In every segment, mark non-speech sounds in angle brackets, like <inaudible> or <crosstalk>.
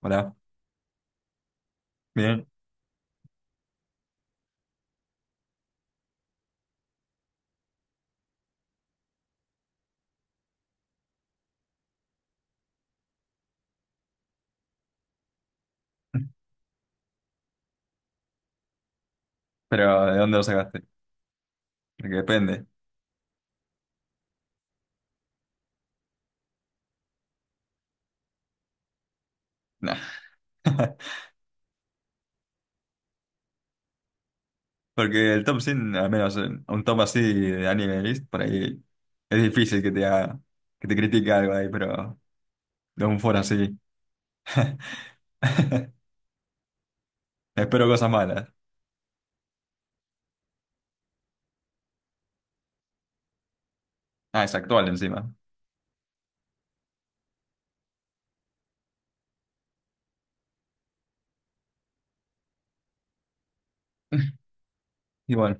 Hola, bien. Pero ¿de dónde lo sacaste? Porque depende. Nah. <laughs> Porque el top 100, al menos un top así de anime list, por ahí es difícil que te critique algo ahí, pero de un foro así. <laughs> Espero cosas malas. Ah, es actual encima. Y bueno,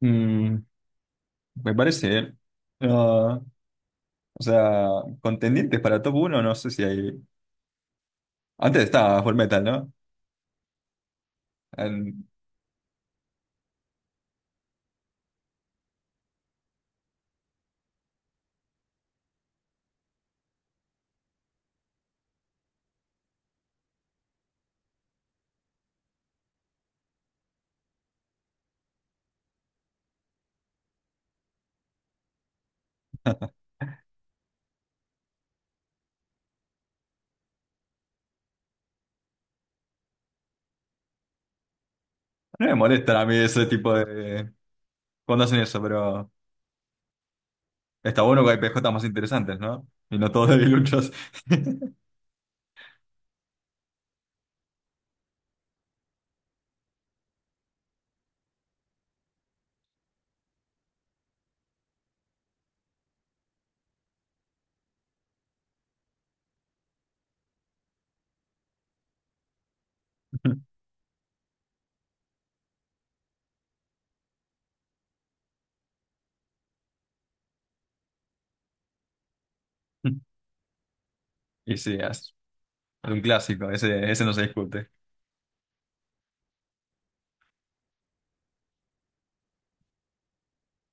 mm, me parece. No, o sea, contendientes para top uno no sé si hay. Antes estaba Fullmetal, ¿no? En- no me molestan a mí ese tipo de. Cuando hacen eso, pero. Está bueno que hay PJ más interesantes, ¿no? Y no todos debiluchos. <laughs> Y sí, es un clásico, ese no se discute.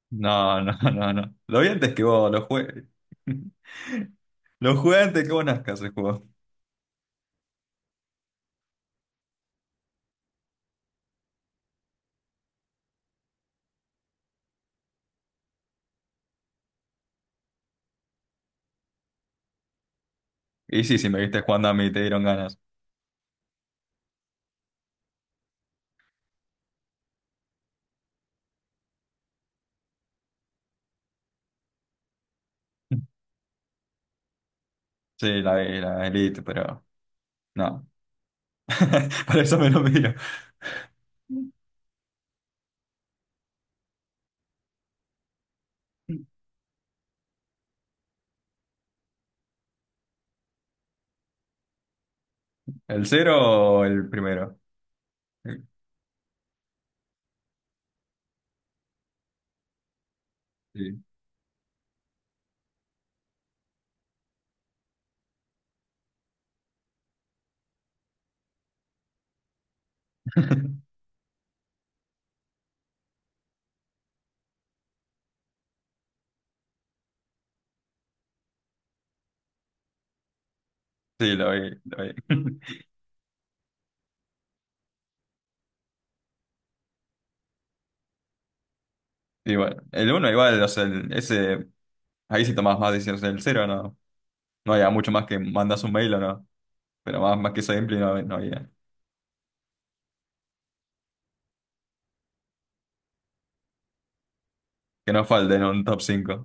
No, no, no, no. Lo vi antes que vos, lo jugué. <laughs> Lo jugué antes que vos nazcas el juego. Y sí, si me viste jugando a mí, te dieron ganas. Sí, la vi, la Elite, pero no. <laughs> Para eso me lo miro. ¿El cero o el primero? Sí, sí, lo vi, lo vi. <laughs> Y bueno, el uno igual, o sea, ese, ahí sí tomás más decisiones. El cero no. No había mucho más que mandas un mail o no. Pero más que esa gameplay no, no había. Que no falte en un top cinco.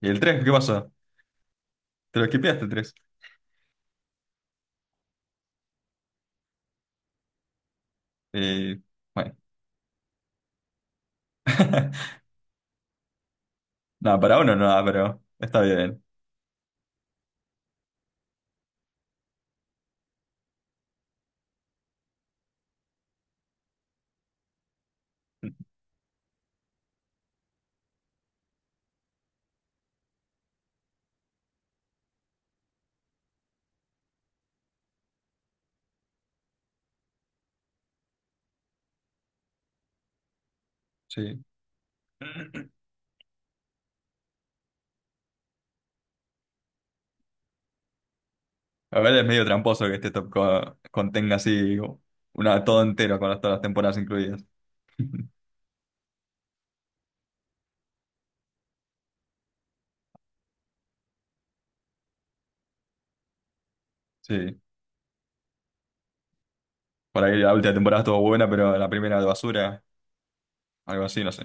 ¿Y el tres? ¿Qué pasó? ¿Te lo skipeaste el tres? Eh, bueno. <laughs> Nada, para uno nada, pero está bien. Sí. A ver, es medio tramposo que este top contenga así una, todo entero con todas las temporadas incluidas. <laughs> Sí. Por ahí la última temporada estuvo buena, pero la primera de basura, algo así, no sé.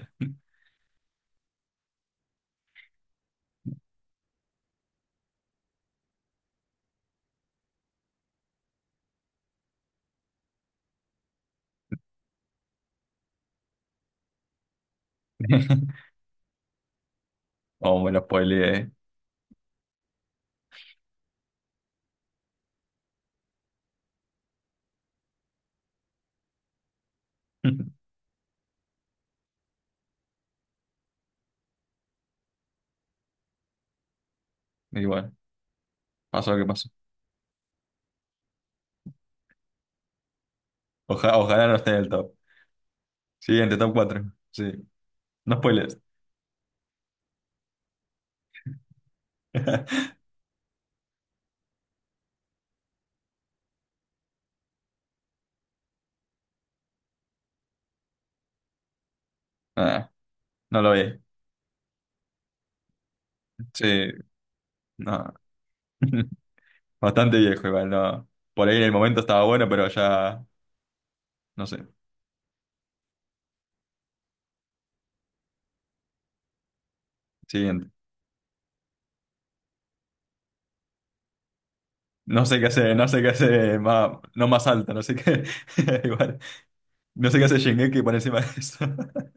<laughs> O me lo spoileé. <laughs> Igual, pasó lo que pasó. Ojalá no esté en el top. Siguiente, top cuatro. Sí. No spoilers. <laughs> Ah, no lo vi. Sí, no. <laughs> Bastante viejo igual, no. Por ahí en el momento estaba bueno, pero ya, no sé. Siguiente. No sé qué hace más, no más alta, no sé qué. <laughs> Igual. No sé qué hace Shingeki por encima de eso. <laughs>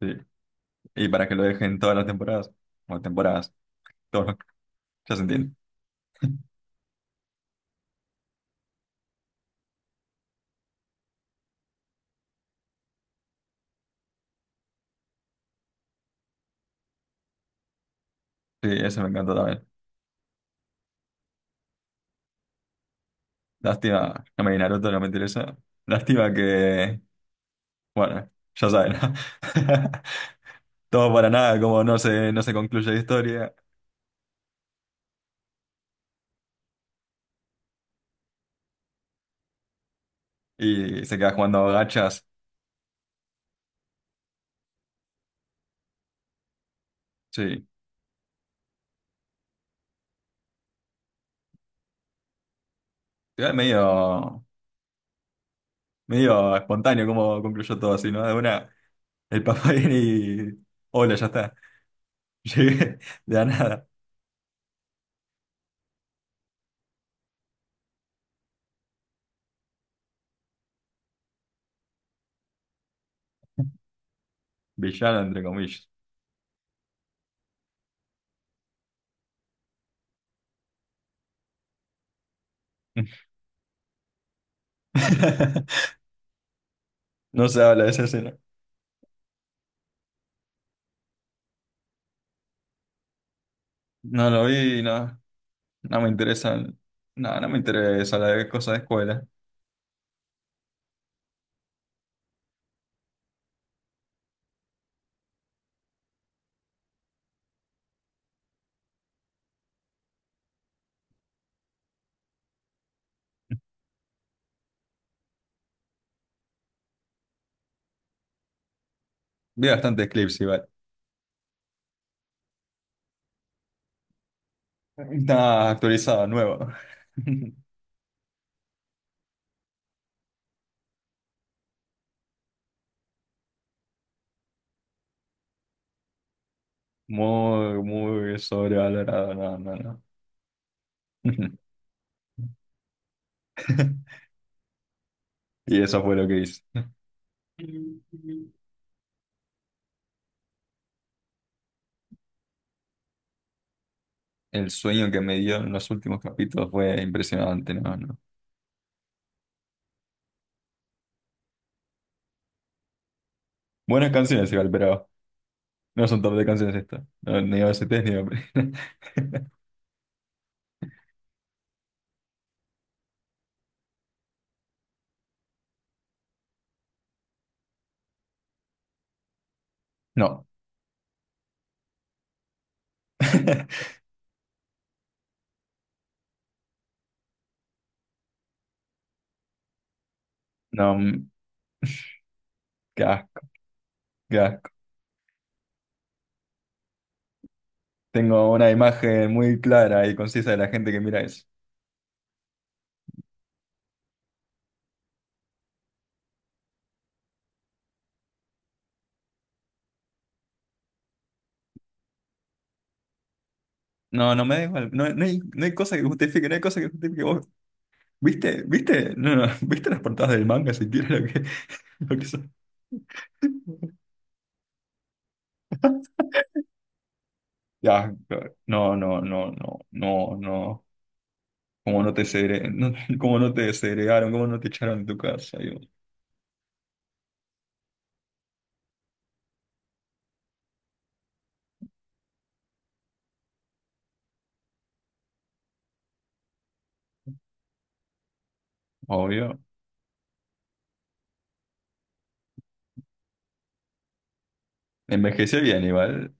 Sí. Y para que lo dejen todas las temporadas. O temporadas, todos los- ya se entiende. Sí, eso me encantó también. Lástima, no me vi Naruto, no me interesa. Lástima que, bueno, ya saben, ¿no? <laughs> Todo para nada, como no se concluye la historia y se queda jugando gachas. Sí, igual medio espontáneo como concluyó todo así, ¿no? De una, el papá <laughs> viene y. Hola, ya está. <laughs> Llegué de la nada. Villano, entre comillas. <laughs> No se habla de esa escena. No lo vi, no. No me interesan. No, no me interesa la de cosas de escuela. Vi bastantes clips igual. Está actualizado, nuevo. <laughs> Muy, muy sobrevalorado. No, no, no. <laughs> Y eso fue lo que hice. El sueño que me dio en los últimos capítulos fue impresionante, ¿no? No. Buenas canciones igual, pero no son top de canciones estas. No, ni OSTs ni OP. <laughs> No. <laughs> No, qué asco, qué asco. Tengo una imagen muy clara y concisa de la gente que mira eso. No, no me da igual. No, no hay cosa que justifique, no hay cosa que justifique. ¿Vos viste? ¿Viste? No, no. <laughs> ¿Viste las portadas del manga siquiera lo que, <laughs> lo que son? Ya, claro. No, no, no, no, no, no. ¿Cómo no te segre... no, <laughs> ¿cómo no te desegregaron? ¿Cómo no te echaron de tu casa? Yo, obvio. Envejeció bien, igual.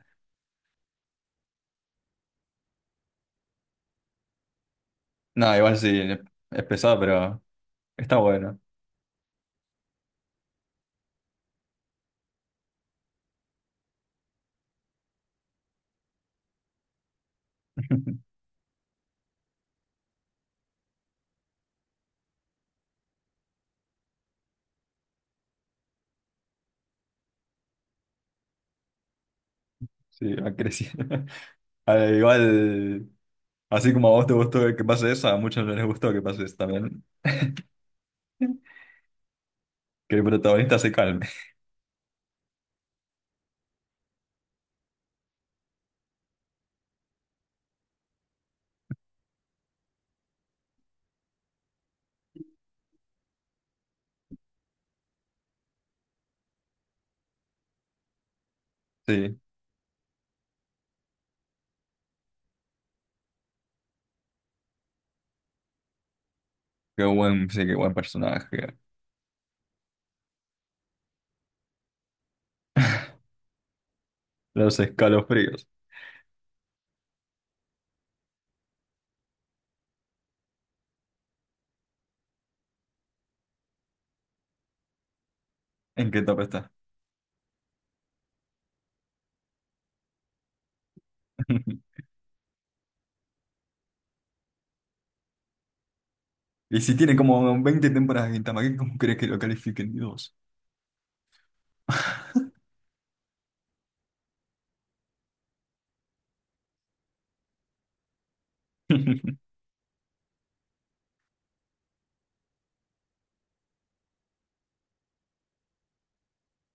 No, igual sí, es pesado, pero está bueno. <laughs> Sí, ha crecido. <laughs> A ver, igual, así como a vos te gustó que pase eso, a muchos no les gustó que pase eso también. <laughs> Que el protagonista se calme. Sí, sí, qué buen personaje. Los escalofríos. ¿En qué top está? <laughs> Y si tiene como 20 temporadas de Gintama, ¿cómo crees que lo califiquen? Dios. <laughs>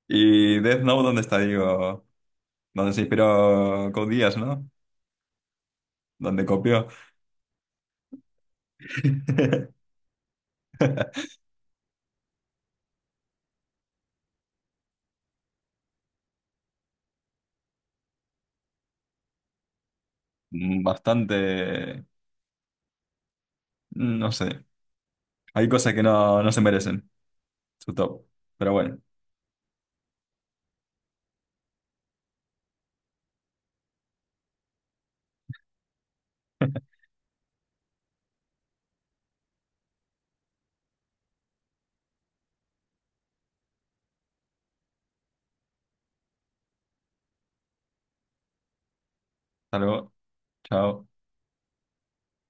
Y Death Note, ¿dónde está? Digo, donde se inspiró Code Geass, ¿no? Donde copió. <laughs> Bastante, no sé. Hay cosas que no se merecen su top. Pero bueno, hasta luego. Chao.